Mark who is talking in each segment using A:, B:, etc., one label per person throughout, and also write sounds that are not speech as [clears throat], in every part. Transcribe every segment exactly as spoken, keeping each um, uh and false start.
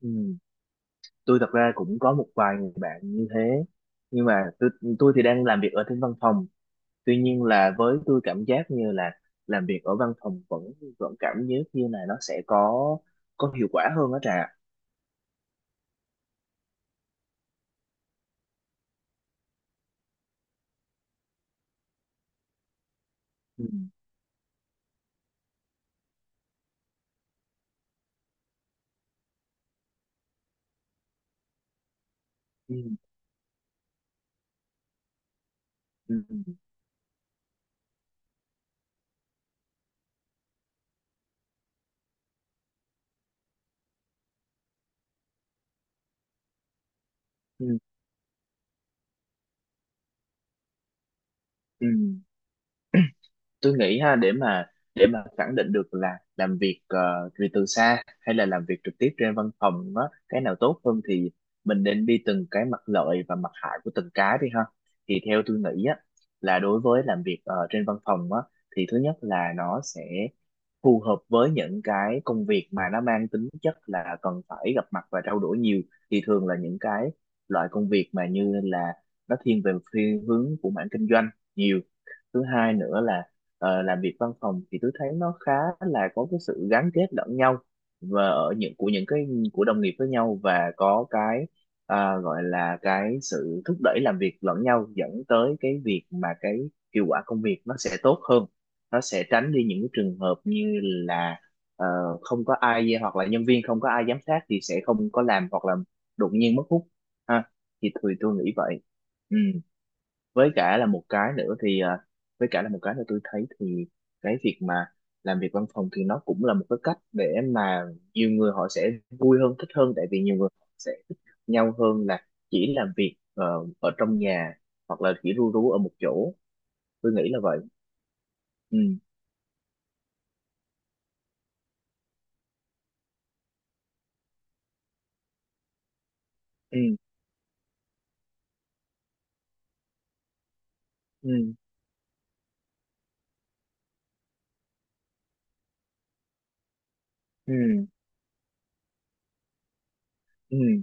A: Ừ. Tôi thật ra cũng có một vài người bạn như thế, nhưng mà tôi, tôi thì đang làm việc ở trên văn phòng. Tuy nhiên là với tôi, cảm giác như là làm việc ở văn phòng vẫn vẫn cảm giác như là nó sẽ có có hiệu quả hơn đó Trà. Ừ. Ừ. Ừ. Ừ. Ừ. Tôi nghĩ ha, để mà để mà khẳng định được là làm việc uh, vì từ xa hay là làm việc trực tiếp trên văn phòng đó, cái nào tốt hơn thì mình nên đi từng cái mặt lợi và mặt hại của từng cái đi ha. Thì theo tôi nghĩ á, là đối với làm việc ờ, trên văn phòng á, thì thứ nhất là nó sẽ phù hợp với những cái công việc mà nó mang tính chất là cần phải gặp mặt và trao đổi nhiều. Thì thường là những cái loại công việc mà như là nó thiên về thiên hướng của mảng kinh doanh nhiều. Thứ hai nữa là, ờ, làm việc văn phòng thì tôi thấy nó khá là có cái sự gắn kết lẫn nhau, và ở những của những cái của đồng nghiệp với nhau, và có cái, à, gọi là cái sự thúc đẩy làm việc lẫn nhau dẫn tới cái việc mà cái hiệu quả công việc nó sẽ tốt hơn. Nó sẽ tránh đi những cái trường hợp như là ờ, không có ai, hoặc là nhân viên không có ai giám sát thì sẽ không có làm, hoặc là đột nhiên mất hút ha. Thì tôi tôi nghĩ vậy. Ừ với cả là một cái nữa thì à, Với cả là một cái nữa tôi thấy thì cái việc mà làm việc văn phòng thì nó cũng là một cái cách để mà nhiều người họ sẽ vui hơn, thích hơn, tại vì nhiều người họ sẽ thích nhau hơn là chỉ làm việc ờ, ở trong nhà, hoặc là chỉ ru rú ở một chỗ. Tôi nghĩ là vậy. Ừ. Ừ. Ừ. Ừ. Ừ.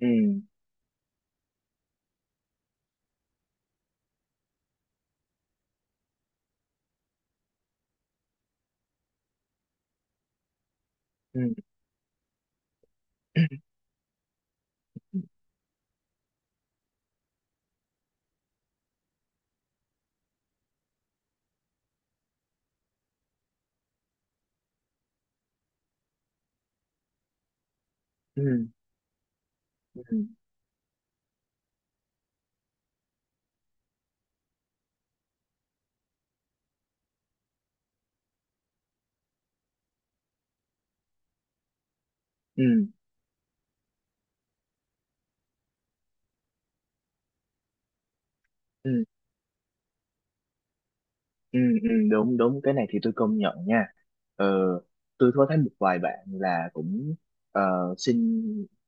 A: Ừ. Ừ. Ừ. Ừ. Ừ. Ừ. Ừ, ừ, đúng đúng, cái này thì tôi công nhận nha. ờ, tôi có thấy một vài bạn là cũng ờ, xin,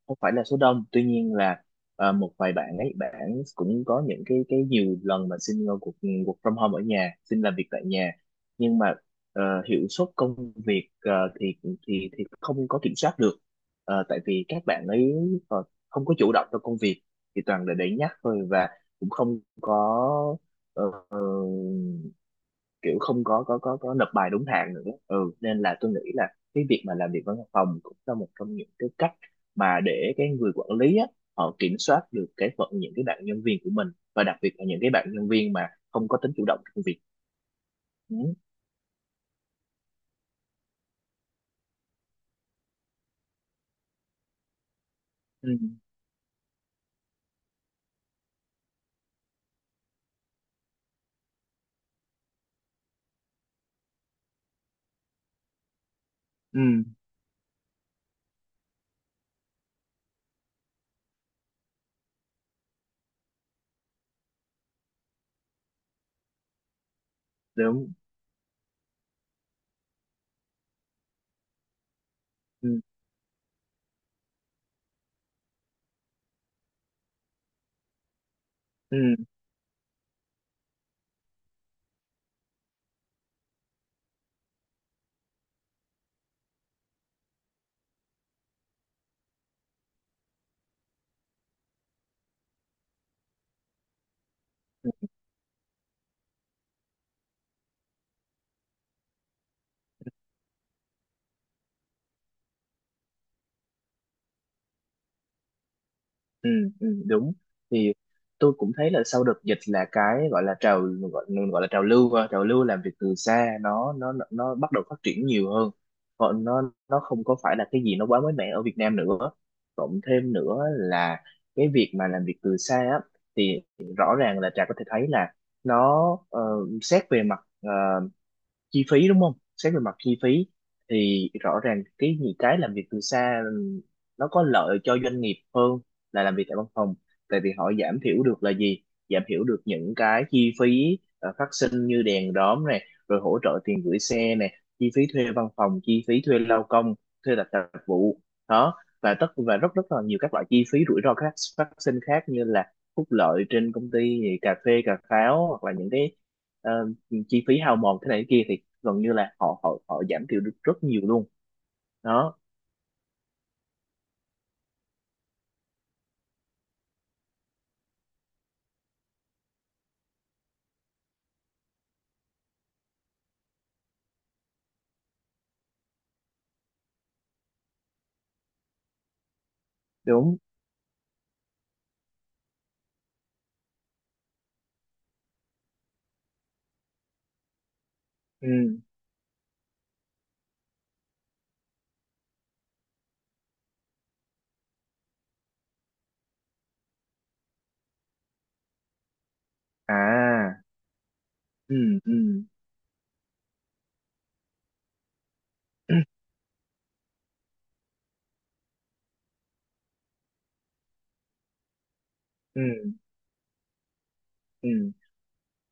A: không phải là số đông, tuy nhiên là ờ, một vài bạn ấy, bạn cũng có những cái cái nhiều lần mà xin ờ, cuộc cuộc from home ở nhà, xin làm việc tại nhà. Nhưng mà ờ, hiệu suất công việc ờ, thì thì thì không có kiểm soát được. Ờ, tại vì các bạn ấy ờ, không có chủ động trong công việc, thì toàn là để nhắc thôi, và cũng không có ờ, kiểu không có có có có nộp bài đúng hạn nữa. Ừ. Nên là tôi nghĩ là cái việc mà làm việc văn phòng cũng là một trong những cái cách mà để cái người quản lý á, họ kiểm soát được cái phận những cái bạn nhân viên của mình, và đặc biệt là những cái bạn nhân viên mà không có tính chủ động trong việc. Ừ. Ừ. Ừ. Đúng. Ừ. Ừ. Ừ, ừ, đúng. Thì tôi cũng thấy là sau đợt dịch là cái gọi là trào gọi, gọi là trào lưu, à, trào lưu làm việc từ xa nó nó nó bắt đầu phát triển nhiều hơn. Còn nó nó không có phải là cái gì nó quá mới mẻ ở Việt Nam nữa. Cộng thêm nữa là cái việc mà làm việc từ xa á, thì rõ ràng là Trà có thể thấy là nó, ờ, xét về mặt ờ, chi phí, đúng không, xét về mặt chi phí thì rõ ràng cái những cái làm việc từ xa nó có lợi cho doanh nghiệp hơn là làm việc tại văn phòng. Tại vì họ giảm thiểu được là gì? Giảm thiểu được những cái chi phí ờ, phát sinh như đèn đóm này, rồi hỗ trợ tiền gửi xe này, chi phí thuê văn phòng, chi phí thuê lao công, thuê đặt tạp vụ đó. Và tất và rất rất là nhiều các loại chi phí rủi ro khác, phát sinh khác, như là phúc lợi trên công ty thì cà phê cà pháo, hoặc là những cái ờ, chi phí hao mòn thế này thế kia thì gần như là họ họ họ giảm thiểu được rất nhiều luôn. Đó. Đúng. Ừ. À. Ừ. Ừ. [clears throat] Ừ. Ừ.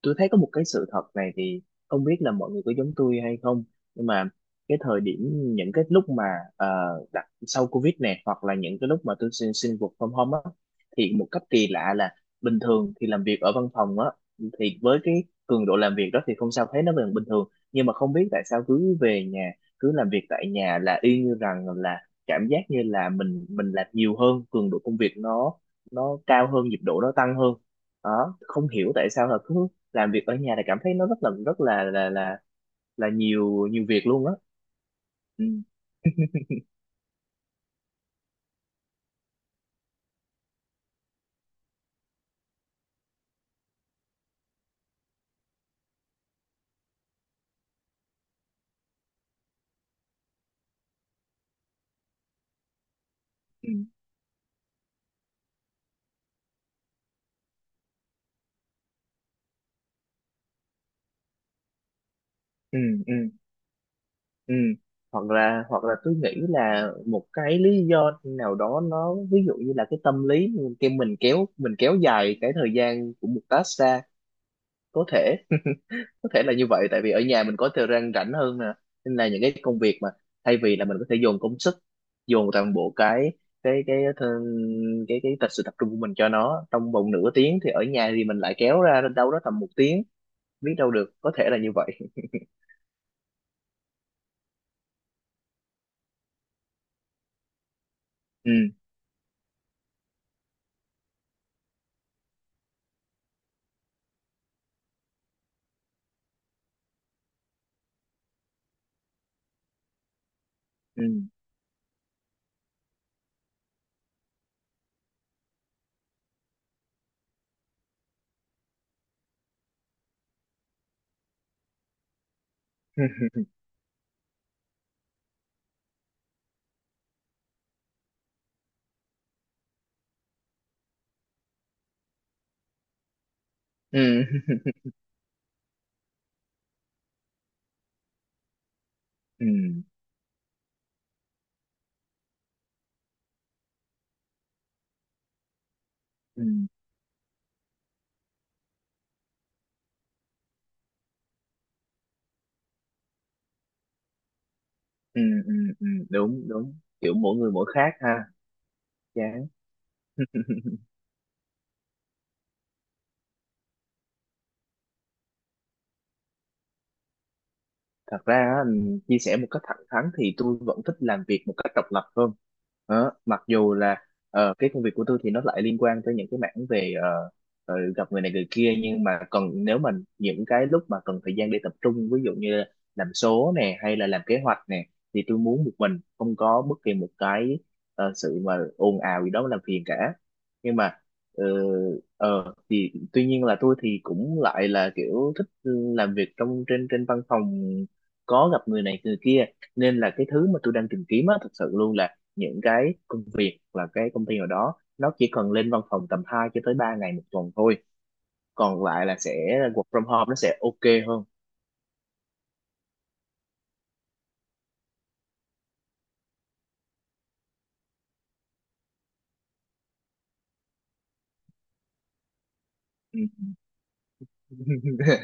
A: Tôi thấy có một cái sự thật này thì không biết là mọi người có giống tôi hay không, nhưng mà cái thời điểm, những cái lúc mà ờ, đặt sau Covid này, hoặc là những cái lúc mà tôi xin xin work from home á, thì một cách kỳ lạ là bình thường thì làm việc ở văn phòng á, thì với cái cường độ làm việc đó thì không sao, thấy nó vẫn bình thường. Nhưng mà không biết tại sao cứ về nhà, cứ làm việc tại nhà là y như rằng là cảm giác như là mình mình làm nhiều hơn, cường độ công việc nó nó cao hơn, nhịp độ nó tăng hơn. Đó, không hiểu tại sao là cứ làm việc ở nhà thì cảm thấy nó rất là rất là là là là nhiều nhiều việc luôn á. Ừ. Ừ. Ừ. Ừ. Ừ. hoặc là hoặc là tôi nghĩ là một cái lý do nào đó, nó ví dụ như là cái tâm lý, cái mình kéo mình kéo dài cái thời gian của một task ra. Có thể, có thể là như vậy, tại vì ở nhà mình có thời gian rảnh hơn nè, nên là những cái công việc mà thay vì là mình có thể dồn công sức, dồn toàn bộ cái cái cái th- cái cái, tập sự tập trung của mình cho nó trong vòng nửa tiếng, thì ở nhà thì mình lại kéo ra đâu đó tầm một tiếng. Biết đâu được, có thể là như vậy. Ừ. Ừ. [laughs] Ừ. [laughs] Ừ. Ừ. Ừ. Ừ. Ừ, đúng đúng, kiểu mỗi người mỗi khác ha. Chán. [laughs] Thật ra á, chia sẻ một cách thẳng thắn thì tôi vẫn thích làm việc một cách độc lập hơn đó. Mặc dù là ờ, cái công việc của tôi thì nó lại liên quan tới những cái mảng về ờ, ờ, gặp người này người kia, nhưng mà cần, nếu mà những cái lúc mà cần thời gian để tập trung, ví dụ như làm số nè hay là làm kế hoạch nè, thì tôi muốn một mình, không có bất kỳ một cái ờ, sự mà ồn ào gì đó làm phiền cả. Nhưng mà ờ, ờ, thì tuy nhiên là tôi thì cũng lại là kiểu thích làm việc trong trên trên văn phòng, có gặp người này người kia. Nên là cái thứ mà tôi đang tìm kiếm á, thật sự luôn là những cái công việc là cái công ty nào đó nó chỉ cần lên văn phòng tầm hai cho tới ba ngày một tuần thôi, còn lại là sẽ work from home nó sẽ ok hơn. Ừ. [laughs]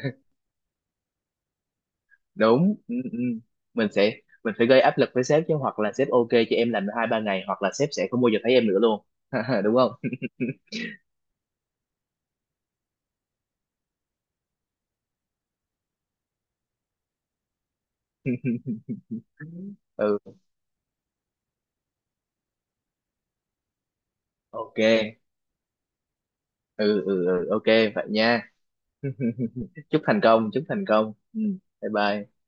A: Đúng. Ừ, ừ. mình sẽ mình phải gây áp lực với sếp chứ, hoặc là sếp ok cho em làm hai ba ngày, hoặc là sếp sẽ không bao giờ thấy em nữa luôn. [laughs] Đúng không? [laughs] Ừ. Ok. Ừ. Ừ. Ừ. Ok, vậy nha. [laughs] Chúc thành công, chúc thành công. Ừ. Bye bye.